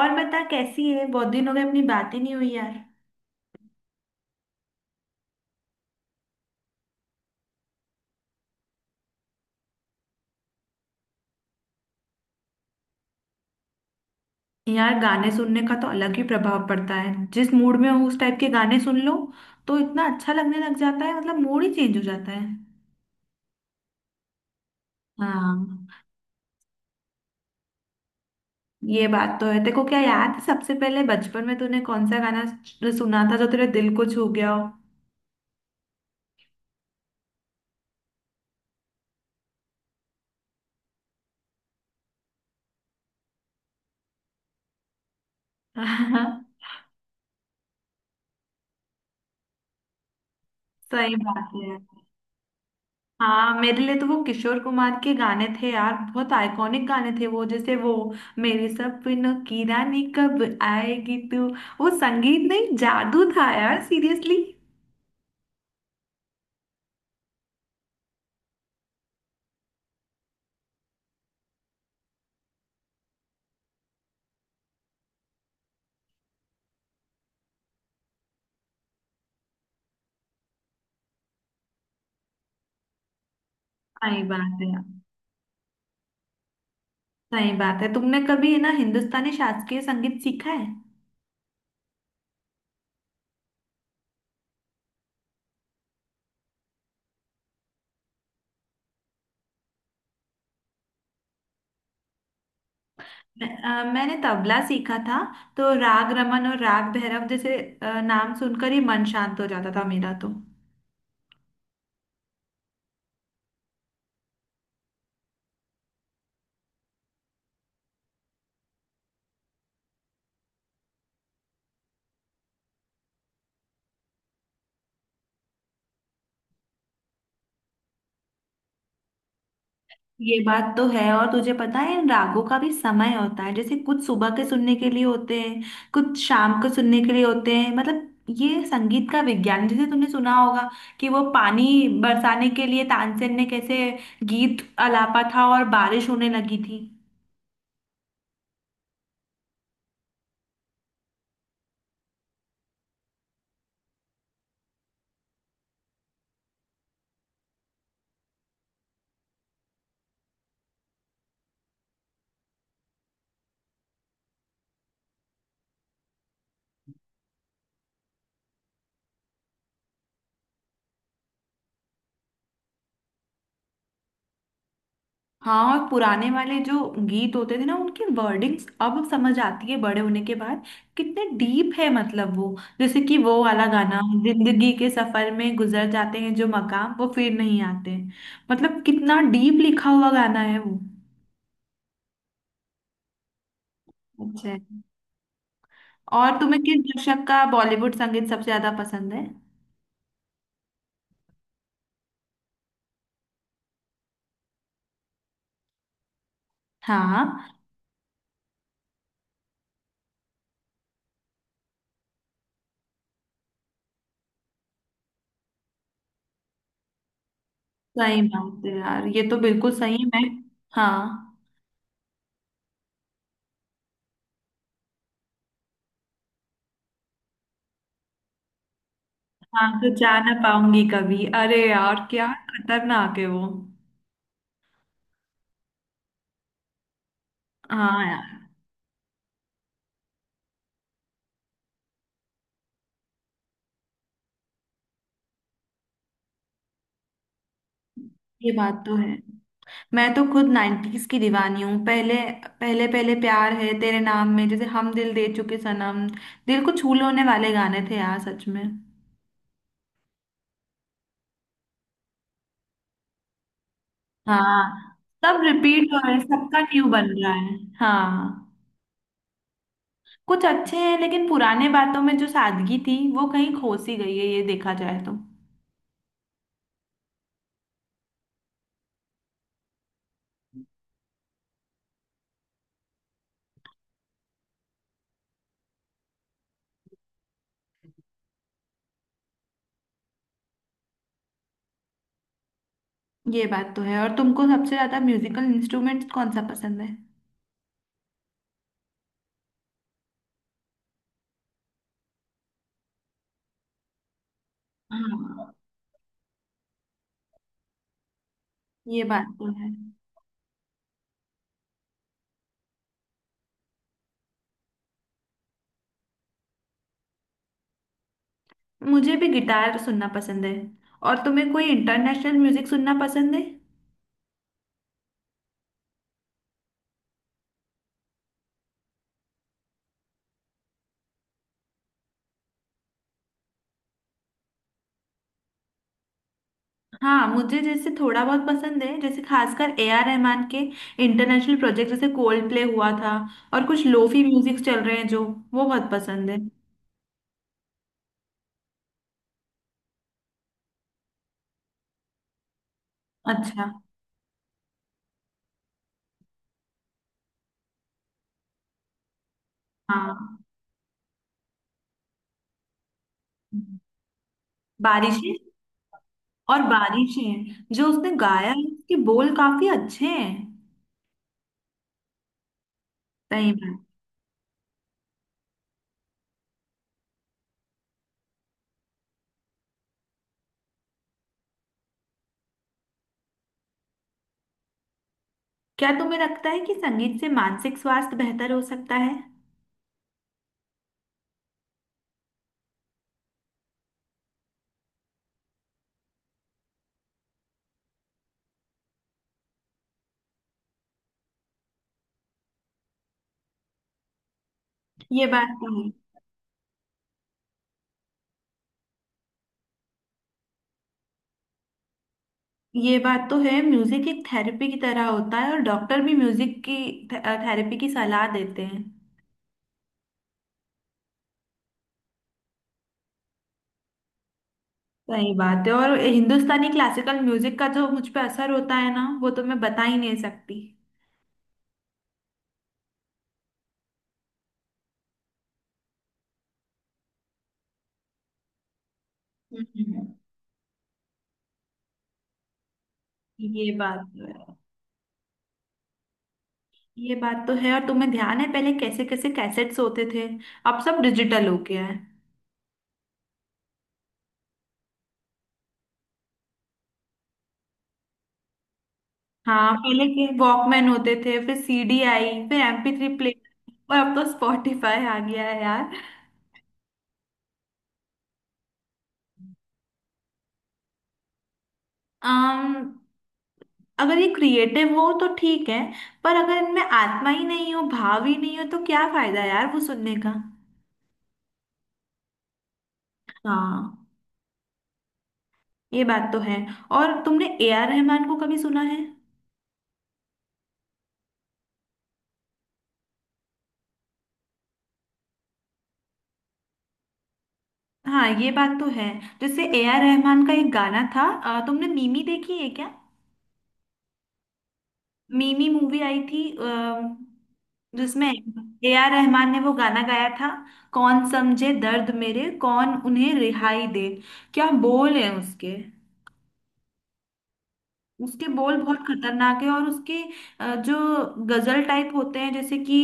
और बता, कैसी है? बहुत दिन हो गए, अपनी बात ही नहीं हुई यार। यार, गाने सुनने का तो अलग ही प्रभाव पड़ता है। जिस मूड में हो, उस टाइप के गाने सुन लो तो इतना अच्छा लगने लग जाता है, मतलब मूड ही चेंज हो जाता है। हाँ। ये बात तो है। तेरे को क्या याद है, सबसे पहले बचपन में तूने कौन सा गाना सुना था जो तेरे दिल को छू गया हो? सही बात है यार। हाँ, मेरे लिए तो वो किशोर कुमार के गाने थे यार, बहुत आइकॉनिक गाने थे वो। जैसे वो, मेरे सपनों की रानी कब आएगी तू। वो संगीत नहीं जादू था यार, सीरियसली। सही बात है यार, सही बात है। तुमने कभी ना हिंदुस्तानी शास्त्रीय संगीत सीखा है? मैंने तबला सीखा था, तो राग रमन और राग भैरव जैसे नाम सुनकर ही मन शांत हो जाता था मेरा तो। ये बात तो है। और तुझे पता है, इन रागों का भी समय होता है। जैसे कुछ सुबह के सुनने के लिए होते हैं, कुछ शाम को सुनने के लिए होते हैं। मतलब ये संगीत का विज्ञान, जैसे तुमने सुना होगा कि वो पानी बरसाने के लिए तानसेन ने कैसे गीत आलापा था और बारिश होने लगी थी। हाँ, और पुराने वाले जो गीत होते थे ना, उनकी वर्डिंग्स अब समझ आती है बड़े होने के बाद, कितने डीप है। मतलब वो, जैसे कि वो वाला गाना, जिंदगी के सफर में गुजर जाते हैं जो मकाम, वो फिर नहीं आते। मतलब कितना डीप लिखा हुआ गाना है वो। अच्छा है। और तुम्हें किस दशक का बॉलीवुड संगीत सबसे ज्यादा पसंद है? हाँ, सही बात है यार, ये तो बिल्कुल सही। मैं, हाँ। हाँ, तो जा ना पाऊंगी कभी, अरे यार क्या खतरनाक है वो। हाँ यार, ये बात तो है। मैं तो खुद नाइन्टीज की दीवानी हूँ। पहले पहले पहले प्यार है तेरे नाम में, जैसे हम दिल दे चुके सनम। दिल को छू लेने वाले गाने थे यार, सच में। हाँ, सब रिपीट हो रहे हैं, सबका न्यू बन रहा है। हाँ, कुछ अच्छे हैं, लेकिन पुराने बातों में जो सादगी थी वो कहीं खो सी गई है, ये देखा जाए तो। ये बात तो है। और तुमको सबसे ज्यादा म्यूजिकल इंस्ट्रूमेंट्स कौन सा पसंद है? हाँ, ये बात तो है। मुझे भी गिटार सुनना पसंद है। और तुम्हें कोई इंटरनेशनल म्यूजिक सुनना पसंद है? हाँ, मुझे जैसे थोड़ा बहुत पसंद है। जैसे खासकर ए आर रहमान के इंटरनेशनल प्रोजेक्ट, जैसे कोल्ड प्ले हुआ था। और कुछ लोफी म्यूजिक चल रहे हैं जो, वो बहुत पसंद है। अच्छा। हाँ, बारिशें, और बारिशें जो उसने गाया है उसके बोल काफी अच्छे हैं। सही बात। क्या तुम्हें लगता है कि संगीत से मानसिक स्वास्थ्य बेहतर हो सकता है? ये बात तो है। ये बात तो है, म्यूजिक एक थेरेपी की तरह होता है, और डॉक्टर भी म्यूजिक की थेरेपी की सलाह देते हैं। सही बात है। और हिंदुस्तानी क्लासिकल म्यूजिक का जो मुझ पे असर होता है ना, वो तो मैं बता ही नहीं सकती। हम्म, ये बात तो है। ये बात तो है। और तुम्हें ध्यान है पहले कैसे कैसे कैसेट्स होते थे, अब सब डिजिटल हो गया है। हाँ, पहले के वॉकमैन होते थे, फिर सीडी आई, फिर MP3 प्लेयर। और अब तो स्पॉटिफाई आ गया है यार। अम्म अगर ये क्रिएटिव हो तो ठीक है, पर अगर इनमें आत्मा ही नहीं हो, भाव ही नहीं हो, तो क्या फायदा यार वो सुनने का। हाँ, ये बात तो है। और तुमने ए आर रहमान को कभी सुना है? हाँ, ये बात तो है। जैसे ए आर रहमान का एक गाना था, तुमने मिमी देखी है क्या? मिमी मूवी आई थी, जिसमें ए आर रहमान ने वो गाना गाया था, कौन समझे दर्द मेरे, कौन उन्हें रिहाई दे। क्या बोल है उसके। उसके बोल बहुत खतरनाक है। और उसके जो गजल टाइप होते हैं, जैसे कि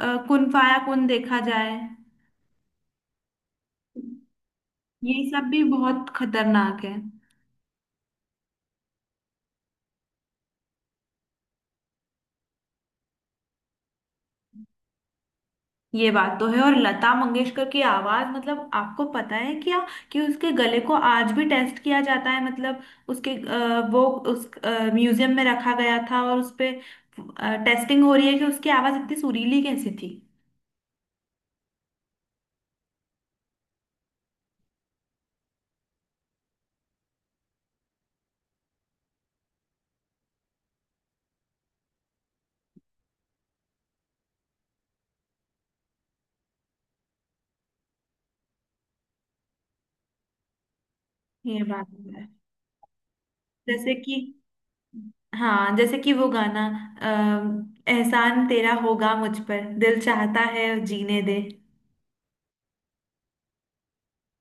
कुन फाया कुन, देखा जाए ये सब भी बहुत खतरनाक है। ये बात तो है। और लता मंगेशकर की आवाज, मतलब आपको पता है क्या कि उसके गले को आज भी टेस्ट किया जाता है। मतलब उसके वो, उस म्यूजियम में रखा गया था और उस पे टेस्टिंग हो रही है कि उसकी आवाज इतनी सुरीली कैसे थी। ये बात तो है। जैसे कि, हाँ, जैसे कि वो गाना, एहसान तेरा होगा मुझ पर, दिल चाहता है जीने दे।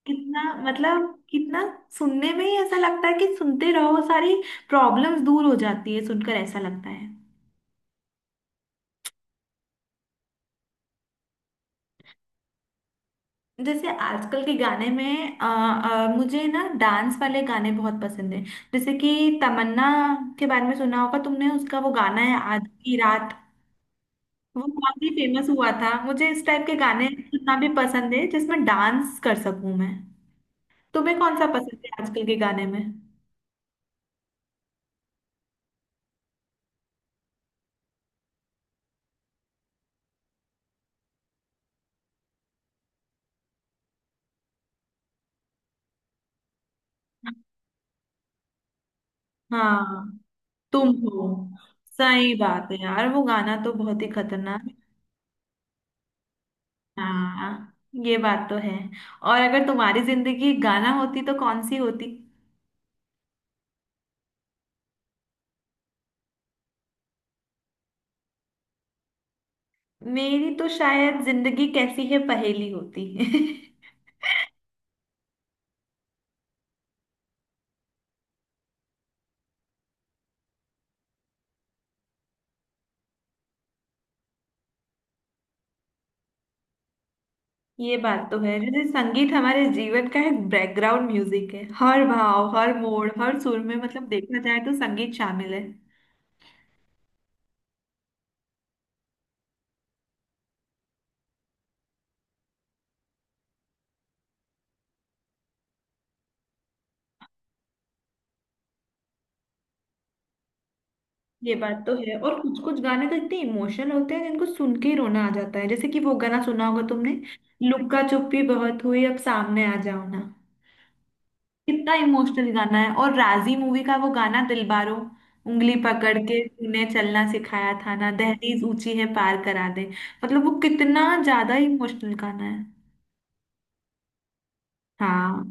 कितना मतलब, कितना सुनने में ही ऐसा लगता है कि सुनते रहो, सारी प्रॉब्लम्स दूर हो जाती है सुनकर, ऐसा लगता है। जैसे आजकल के गाने में मुझे ना डांस वाले गाने बहुत पसंद है। जैसे कि तमन्ना के बारे में सुना होगा तुमने, उसका वो गाना है आज की रात, वो काफी फेमस हुआ था। मुझे इस टाइप के गाने सुनना भी पसंद है जिसमें डांस कर सकूं मैं। तुम्हें कौन सा पसंद है आजकल के गाने में? हाँ, तुम हो, सही बात है यार, वो गाना तो बहुत ही खतरनाक है। हाँ, ये बात तो है। और अगर तुम्हारी जिंदगी एक गाना होती तो कौन सी होती? मेरी तो शायद, जिंदगी कैसी है पहेली होती। ये बात तो है। जैसे संगीत हमारे जीवन का एक बैकग्राउंड म्यूजिक है, हर भाव, हर मोड़, हर सुर में, मतलब देखा जाए तो संगीत शामिल है। ये बात तो है। और कुछ कुछ गाने तो इतने इमोशनल होते हैं जिनको सुन के ही रोना आ जाता है। जैसे कि वो गाना सुना होगा तुमने, लुक्का चुप्पी बहुत हुई अब सामने आ जाओ ना, कितना इमोशनल गाना है। और राजी मूवी का वो गाना दिलबारो, उंगली पकड़ के तूने चलना सिखाया था ना, दहलीज ऊंची है पार करा दे। मतलब वो कितना ज्यादा इमोशनल गाना है। हाँ,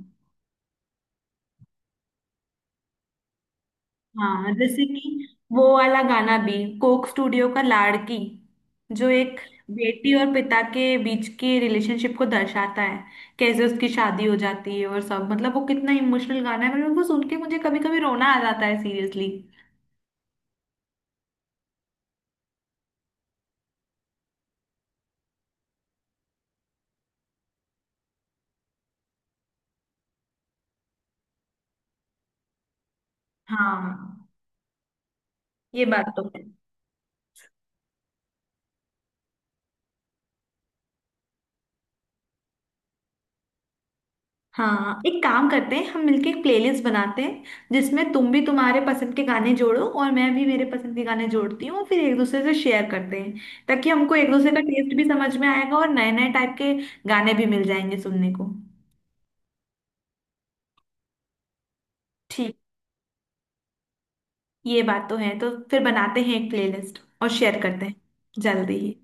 हाँ, जैसे कि वो वाला गाना भी, कोक स्टूडियो का लाड़की, जो एक बेटी और पिता के बीच के रिलेशनशिप को दर्शाता है, कैसे उसकी शादी हो जाती है और सब। मतलब वो कितना इमोशनल गाना है, मतलब वो सुन के मुझे कभी कभी रोना आ जाता है, सीरियसली। हाँ, ये बात तो है। हाँ, एक काम करते हैं, हम मिलके एक प्लेलिस्ट बनाते हैं जिसमें तुम भी तुम्हारे पसंद के गाने जोड़ो और मैं भी मेरे पसंद के गाने जोड़ती हूँ, फिर एक दूसरे से शेयर करते हैं। ताकि हमको एक दूसरे का टेस्ट भी समझ में आएगा और नए नए टाइप के गाने भी मिल जाएंगे सुनने को। ठीक, ये बात तो है। तो फिर बनाते हैं एक प्लेलिस्ट और शेयर करते हैं जल्दी ही।